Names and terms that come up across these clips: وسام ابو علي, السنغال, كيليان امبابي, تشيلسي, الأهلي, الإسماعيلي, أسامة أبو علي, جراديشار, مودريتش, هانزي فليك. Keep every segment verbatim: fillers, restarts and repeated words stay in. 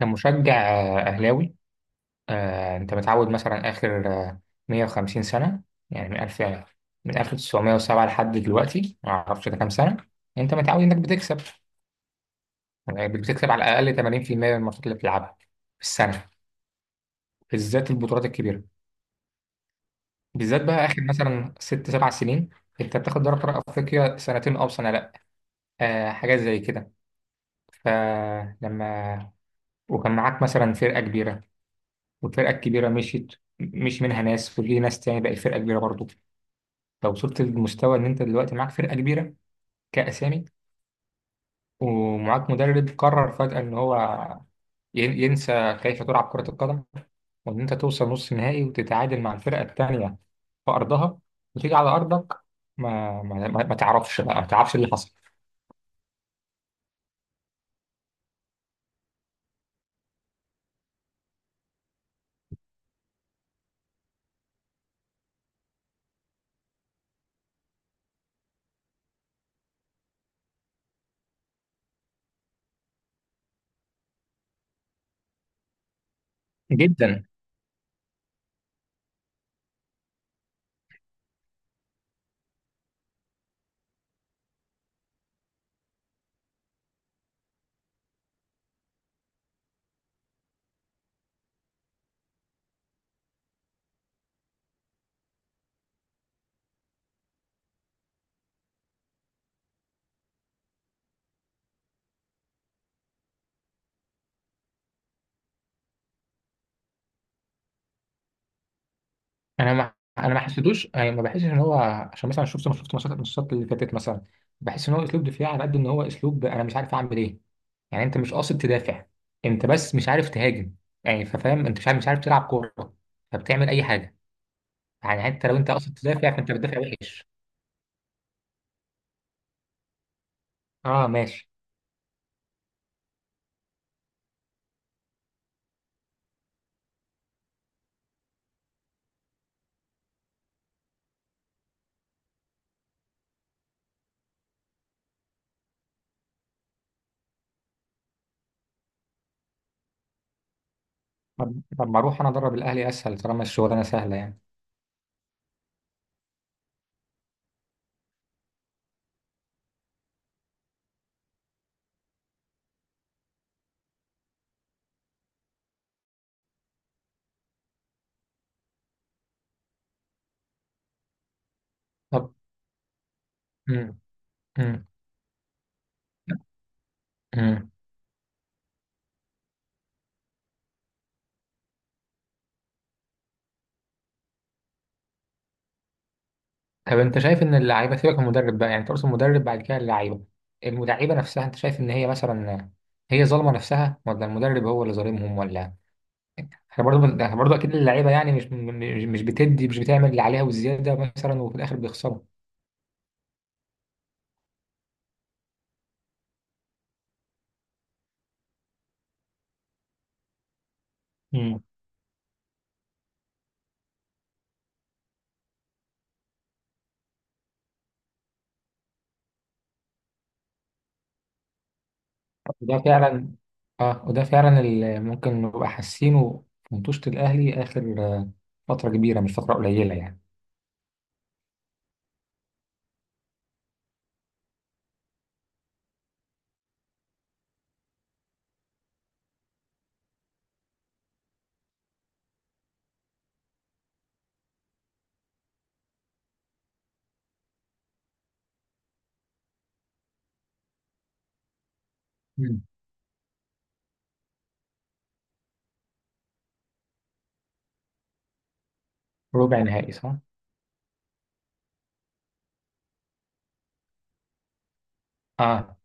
كمشجع آه، أهلاوي. آه، أنت متعود مثلا آخر آه، مية وخمسين سنة، يعني من ألف، من ألف وتسعمية وسبعة لحد دلوقتي ما أعرفش ده كام سنة. أنت متعود إنك بتكسب، يعني بتكسب على الأقل ثمانين في المية من الماتشات اللي بتلعبها في السنة، بالذات البطولات الكبيرة، بالذات بقى آخر مثلا ست سبع سنين. أنت بتاخد دوري أبطال أفريقيا سنتين أو سنة، لأ آه، حاجات زي كده. فلما وكان معاك مثلا فرقة كبيرة، والفرقة الكبيرة مشيت، مش منها ناس وفي ناس تاني بقت فرقة كبيرة برضو. لو وصلت للمستوى ان انت دلوقتي معاك فرقه كبيره كاسامي، ومعاك مدرب قرر فجاه ان هو ين- ينسى كيف تلعب كره القدم، وان انت توصل نص نهائي وتتعادل مع الفرقه الثانيه في ارضها، وتيجي على ارضك ما ما ما ما تعرفش بقى، ما تعرفش اللي حصل. جدا. انا ما انا ما حسيتوش، يعني ما بحسش ان هو، عشان مثلا شفت، ما شفت ماتشات، الماتشات اللي فاتت مثلا، بحس ان هو اسلوب دفاعي على قد ان هو اسلوب انا مش عارف اعمل ايه. يعني انت مش قاصد تدافع، انت بس مش عارف تهاجم، يعني ففاهم انت مش عارف، مش عارف تلعب كوره فبتعمل اي حاجه. يعني حتى لو انت قاصد تدافع فانت بتدافع وحش. اه، ماشي. طب طب ما اروح انا ادرب الاهلي اسهل طالما الشغلانه سهله يعني. طب. امم. امم. امم. طب انت شايف ان اللعيبه سيبك من المدرب بقى، يعني تقصد المدرب بعد كده اللعيبه اللعيبه نفسها، انت شايف ان هي مثلا هي ظالمه نفسها، ولا المدرب هو اللي ظالمهم، ولا احنا برضو؟ بن- احنا برضو اكيد اللعيبه يعني مش مش مش بتدي، مش بتعمل اللي عليها والزياده مثلا، وفي الاخر بيخسروا. امم. وده فعلا اه، وده فعلا اللي ممكن نبقى حاسينه في مطوشة الاهلي اخر آه، فتره كبيره، مش فتره قليله يعني. امم. ربع نهائي صح؟ اه.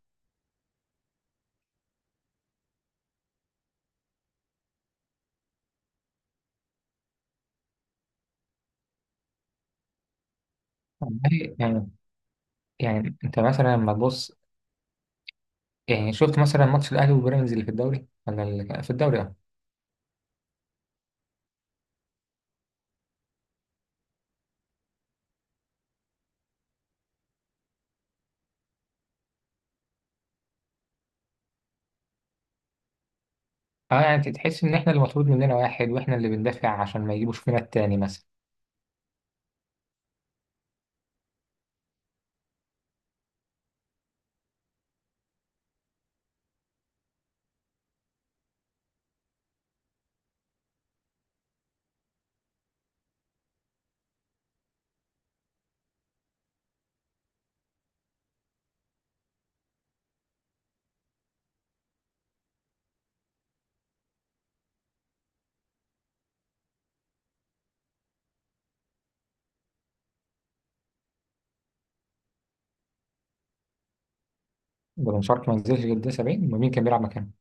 والله يعني يعني انت مثلا لما تبص، يعني شفت مثلا ماتش الاهلي وبيراميدز اللي في الدوري، ولا اللي كان- في الدوري؟ اه. اه، يعني انت تحس ان احنا اللي مطلوب مننا واحد، واحنا اللي بندافع عشان ما يجيبوش فينا التاني مثلا. ده بن شرقي ما نزلش غير ده سبعين، ومين كان بيلعب مكانه؟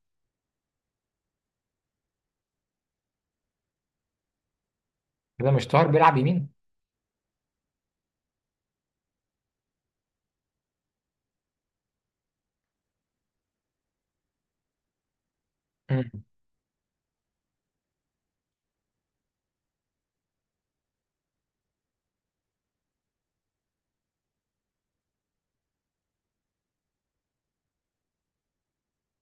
كده مش طاهر بيلعب يمين؟ مم.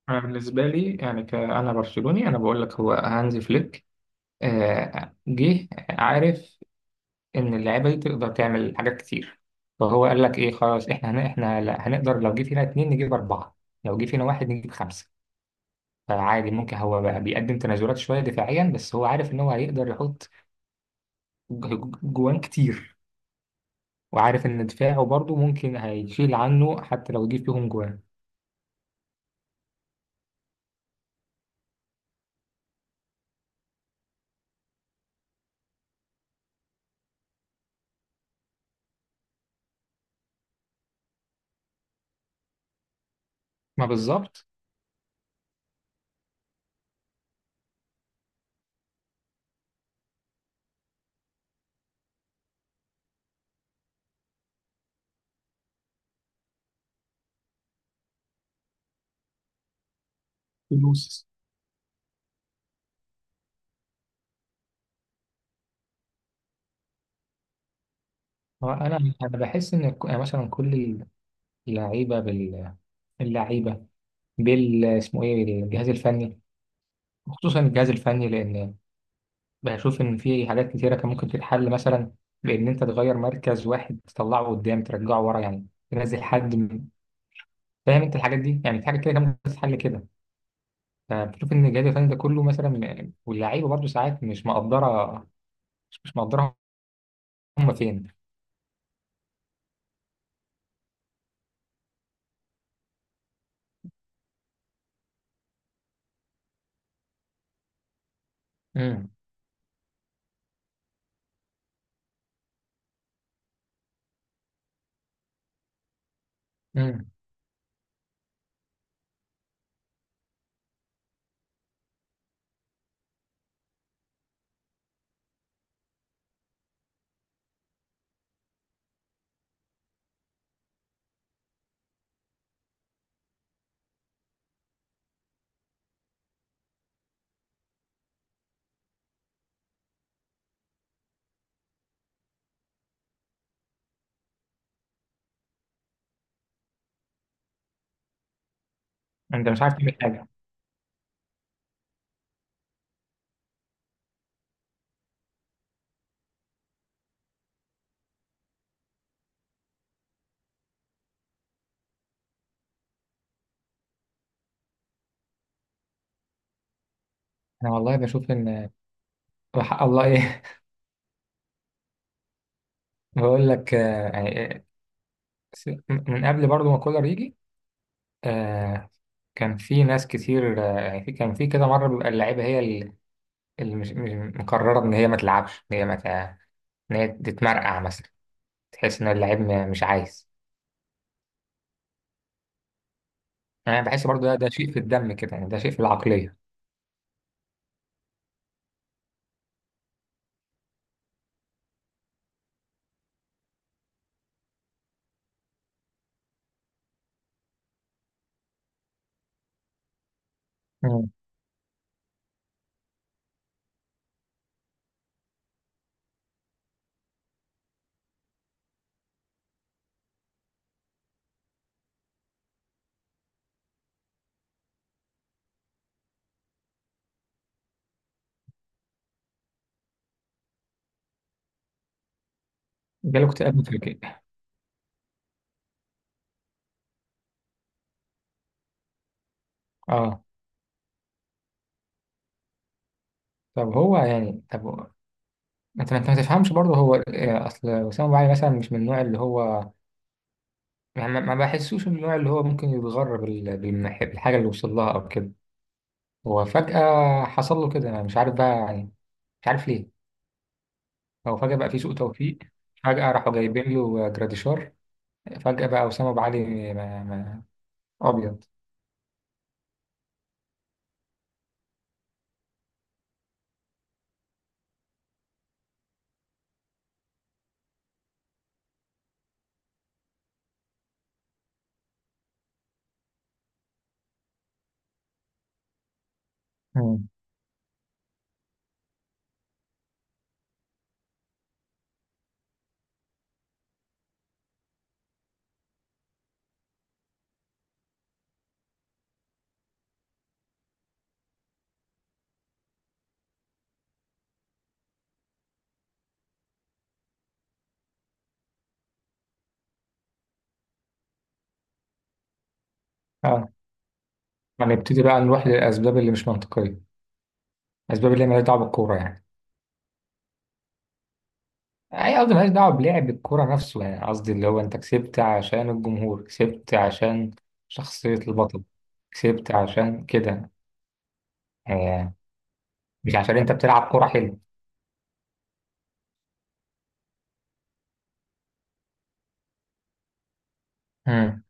انا بالنسبه لي يعني كأنا برشلوني انا بقول لك هو هانزي فليك، آه، جه عارف ان اللعيبه دي تقدر تعمل حاجات كتير. فهو قال لك ايه، خلاص احنا هن... احنا لا- هنقدر لو جه فينا اتنين نجيب اربعه، لو جه فينا واحد نجيب خمسه. فعادي ممكن هو بقى بيقدم تنازلات شويه دفاعيا، بس هو عارف ان هو هيقدر يحط ج- ج- جوان كتير، وعارف ان دفاعه برضه ممكن هيشيل عنه حتى لو جه فيهم جوان. ما بالظبط. هو انا انا بحس ان ك- يعني مثلا كل اللعيبه بال، اللعيبه بال اسمه ايه الجهاز الفني، خصوصا الجهاز الفني، لان بشوف ان في حاجات كتيره كان ممكن تتحل مثلا، بان انت تغير مركز واحد تطلعه قدام ترجعه ورا، يعني تنزل حد من- فاهم انت الحاجات دي، يعني في حاجات كده كان ممكن تتحل كده. فبشوف ان الجهاز الفني ده كله مثلا، واللعيبه برضو ساعات مش مقدره، مش مش مقدره. هم فين؟ امم. امم. انت مش عارف تعمل حاجه. انا والله بشوف ان، وحق الله ايه؟ بقول لك، آه، يعني آه، س- من قبل برضو ما كولر يجي، آه، كان في ناس كتير، آه، يعني في، كان في كده مره بيبقى اللعيبه هي ال- اللي مش مش- مقرره ان هي ما تلعبش، ان هي ما تع- ان هي تتمرقع مثلا، تحس ان اللعيب ما- مش عايز. انا بحس برضو ده ده شيء في الدم كده يعني، ده شيء في العقليه. مم. جاله اكتئاب فكري. اه. طب هو يعني طب انت، ما انت ما تفهمش برضه هو آه، اصل وسام ابو علي مثلا مش من النوع اللي هو، يعني ما ما بحسوش من النوع اللي هو ممكن يتغرب بالحاجه اللي وصل لها او كده. هو فجأة حصل له كده، أنا مش عارف بقى يعني، مش عارف ليه. هو فجأة بقى في سوء توفيق. فجأة راحوا جايبين له جراديشار. فجأة بقى أسامة أبو علي ما ما أبيض. مم. اه، هنبتدي بقى نروح للأسباب اللي مش منطقية، الأسباب اللي مالهاش دعوة بالكورة يعني. أي قصدي مالهاش دعوة بلعب الكورة نفسه، يعني قصدي اللي هو أنت كسبت عشان الجمهور، كسبت عشان شخصية البطل، كسبت عشان كده، آه، مش عشان أنت بتلعب كورة. حلو.